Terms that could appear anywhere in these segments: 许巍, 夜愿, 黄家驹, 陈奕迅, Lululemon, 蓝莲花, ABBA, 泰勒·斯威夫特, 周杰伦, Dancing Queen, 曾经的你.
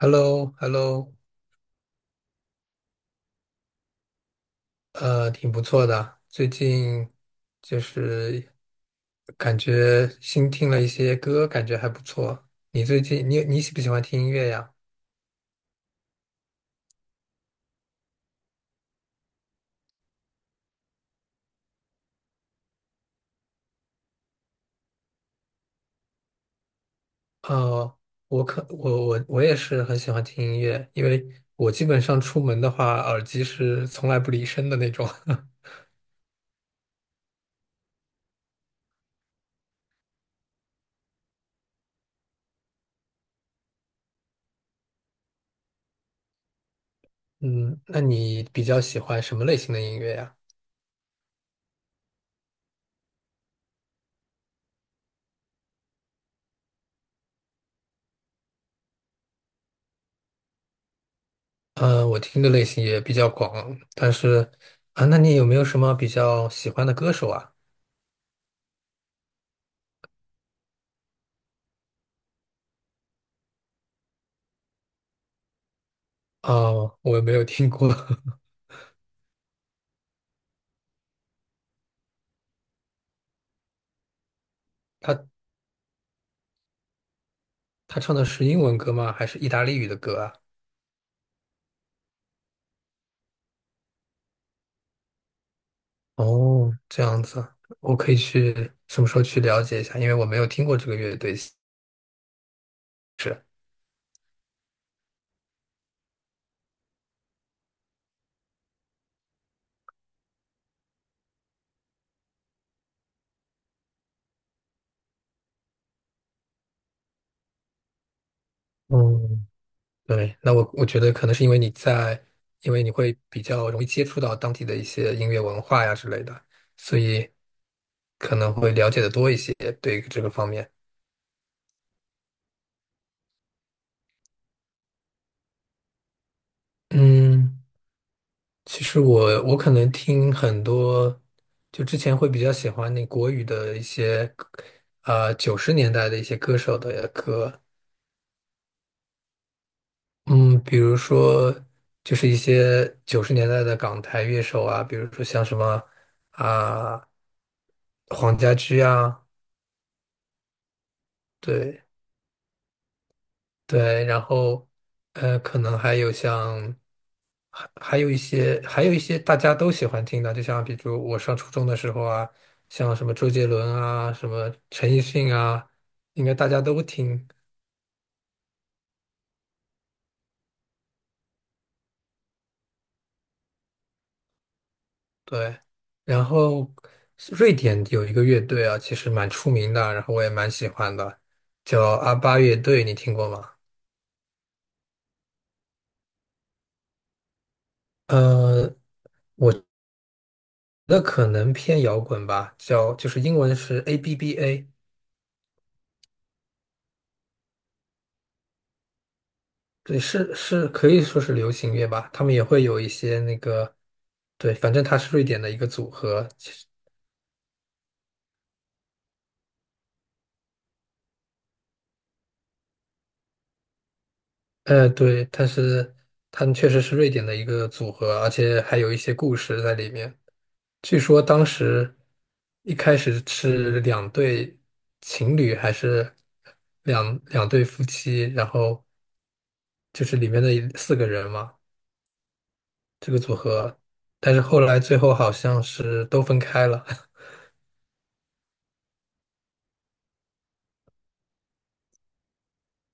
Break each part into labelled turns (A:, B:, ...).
A: h e l l o h e l l o 挺不错的。最近就是感觉新听了一些歌，感觉还不错。你最近你喜不喜欢听音乐呀？哦，我可我我我也是很喜欢听音乐，因为我基本上出门的话，耳机是从来不离身的那种。嗯，那你比较喜欢什么类型的音乐呀？我听的类型也比较广，但是啊，那你有没有什么比较喜欢的歌手啊？哦，我也没有听过。他他唱的是英文歌吗？还是意大利语的歌啊？哦，这样子，我可以去什么时候去了解一下，因为我没有听过这个乐队。是。嗯。对，那我觉得可能是因为你在，因为你会比较容易接触到当地的一些音乐文化呀之类的，所以可能会了解的多一些对于这个方面。嗯。其实我可能听很多，就之前会比较喜欢那国语的一些歌啊九十年代的一些歌手的歌。嗯，比如说就是一些九十年代的港台乐手啊，比如说像什么啊黄家驹啊。对。对，然后可能还有像还还有一些还有一些大家都喜欢听的，就像比如我上初中的时候啊，像什么周杰伦啊，什么陈奕迅啊，应该大家都听。对，然后瑞典有一个乐队啊，其实蛮出名的，然后我也蛮喜欢的，叫阿巴乐队，你听过吗？呃，我觉得可能偏摇滚吧，叫就是英文是 ABBA。对，是是可以说是流行乐吧，他们也会有一些那个。对，反正他是瑞典的一个组合，其实。对，但是他们确实是瑞典的一个组合，而且还有一些故事在里面。据说当时一开始是两对情侣，还是两对夫妻，然后就是里面的四个人嘛，这个组合，但是后来最后好像是都分开了。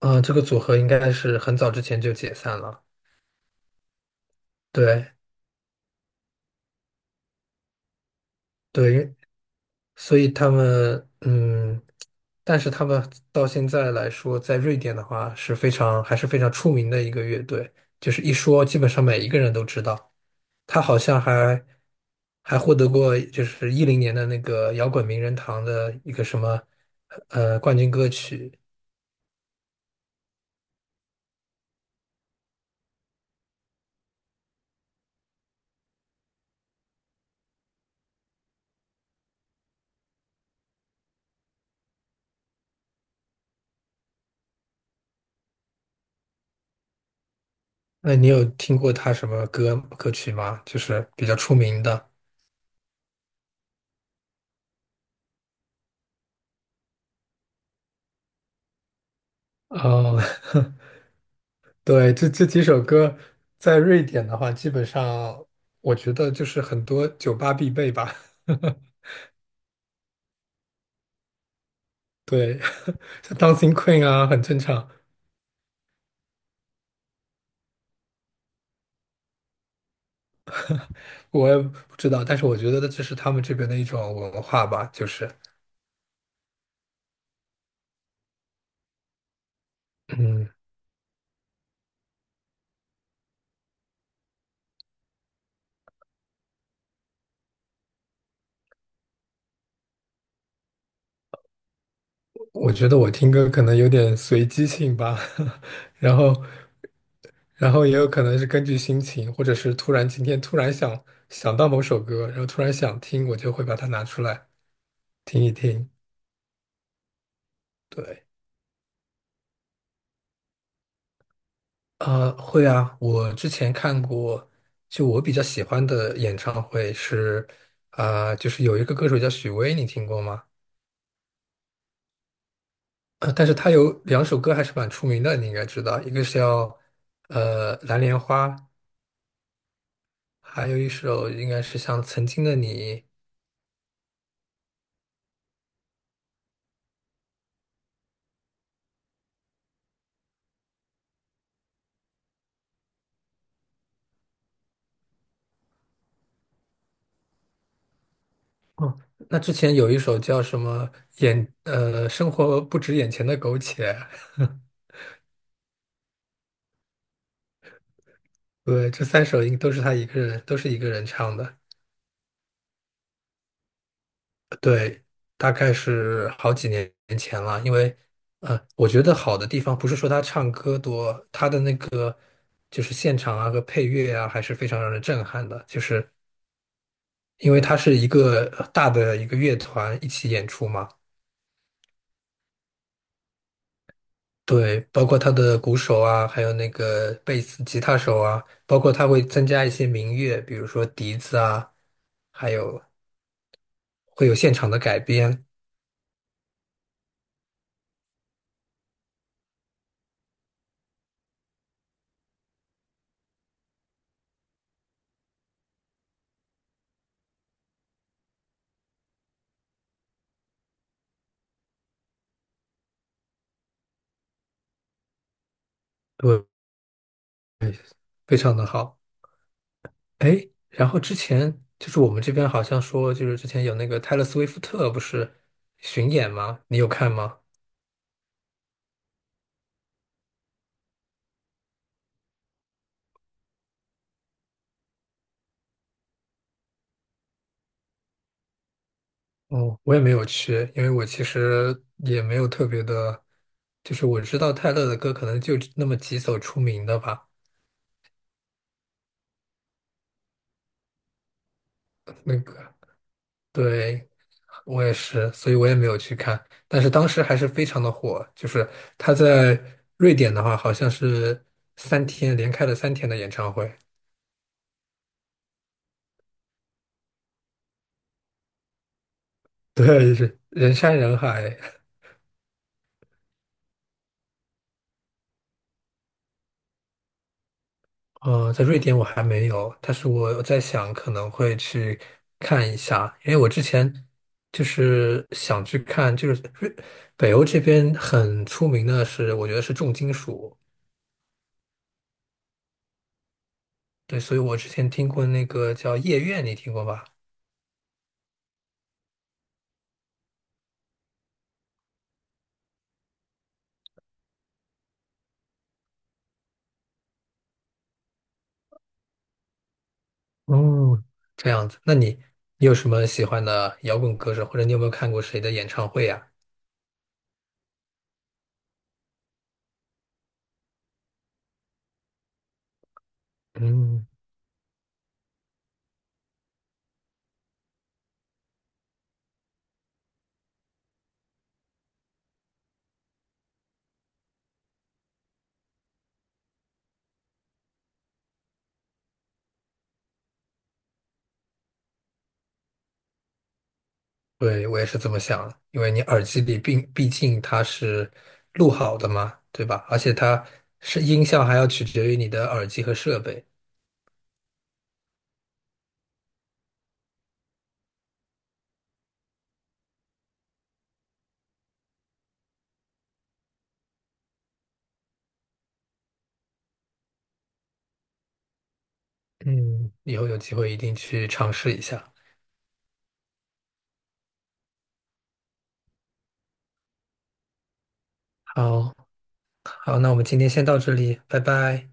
A: 啊，这个组合应该是很早之前就解散了。对。对，所以他们但是他们到现在来说，在瑞典的话是非常还是非常出名的一个乐队，就是一说基本上每一个人都知道。他好像还获得过就是一零年的那个摇滚名人堂的一个什么冠军歌曲。那你有听过他什么歌歌曲吗？就是比较出名的。哦。对，这这几首歌在瑞典的话，基本上我觉得就是很多酒吧必备吧。对，像 Dancing Queen 啊，很正常。我也不知道，但是我觉得这是他们这边的一种文化吧，就是。嗯，我觉得我听歌可能有点随机性吧。然后，然后也有可能是根据心情，或者是突然今天突然想想到某首歌，然后突然想听，我就会把它拿出来听一听。对。会啊，我之前看过，就我比较喜欢的演唱会是，啊、就是有一个歌手叫许巍，你听过吗？但是他有两首歌还是蛮出名的，你应该知道，一个是叫《蓝莲花》，还有一首应该是像《曾经的你》。哦，那之前有一首叫什么生活不止眼前的苟且。对，这三首应都是他一个人，都是一个人唱的。对，大概是好几年前了，因为，我觉得好的地方不是说他唱歌多，他的那个就是现场啊和配乐啊，还是非常让人震撼的，就是因为他是一个大的一个乐团一起演出嘛。对，包括他的鼓手啊，还有那个贝斯、吉他手啊，包括他会增加一些民乐，比如说笛子啊，还有会有现场的改编。对，非常的好。哎，然后之前就是我们这边好像说，就是之前有那个泰勒·斯威夫特不是巡演吗？你有看吗？哦，我也没有去，因为我其实也没有特别的，就是我知道泰勒的歌可能就那么几首出名的吧。那个，对，我也是，所以我也没有去看。但是当时还是非常的火，就是他在瑞典的话，好像是连开了三天的演唱会。对，是人山人海。呃，在瑞典我还没有，但是我在想可能会去看一下，因为我之前就是想去看，就是北欧这边很出名的是，我觉得是重金属。对，所以我之前听过那个叫夜愿，你听过吧？哦，这样子，那你你有什么喜欢的摇滚歌手，或者你有没有看过谁的演唱会呀？嗯。对，我也是这么想的，因为你耳机里并毕竟它是录好的嘛，对吧？而且它是音效还要取决于你的耳机和设备。嗯，以后有机会一定去尝试一下。好。好，那我们今天先到这里，拜拜。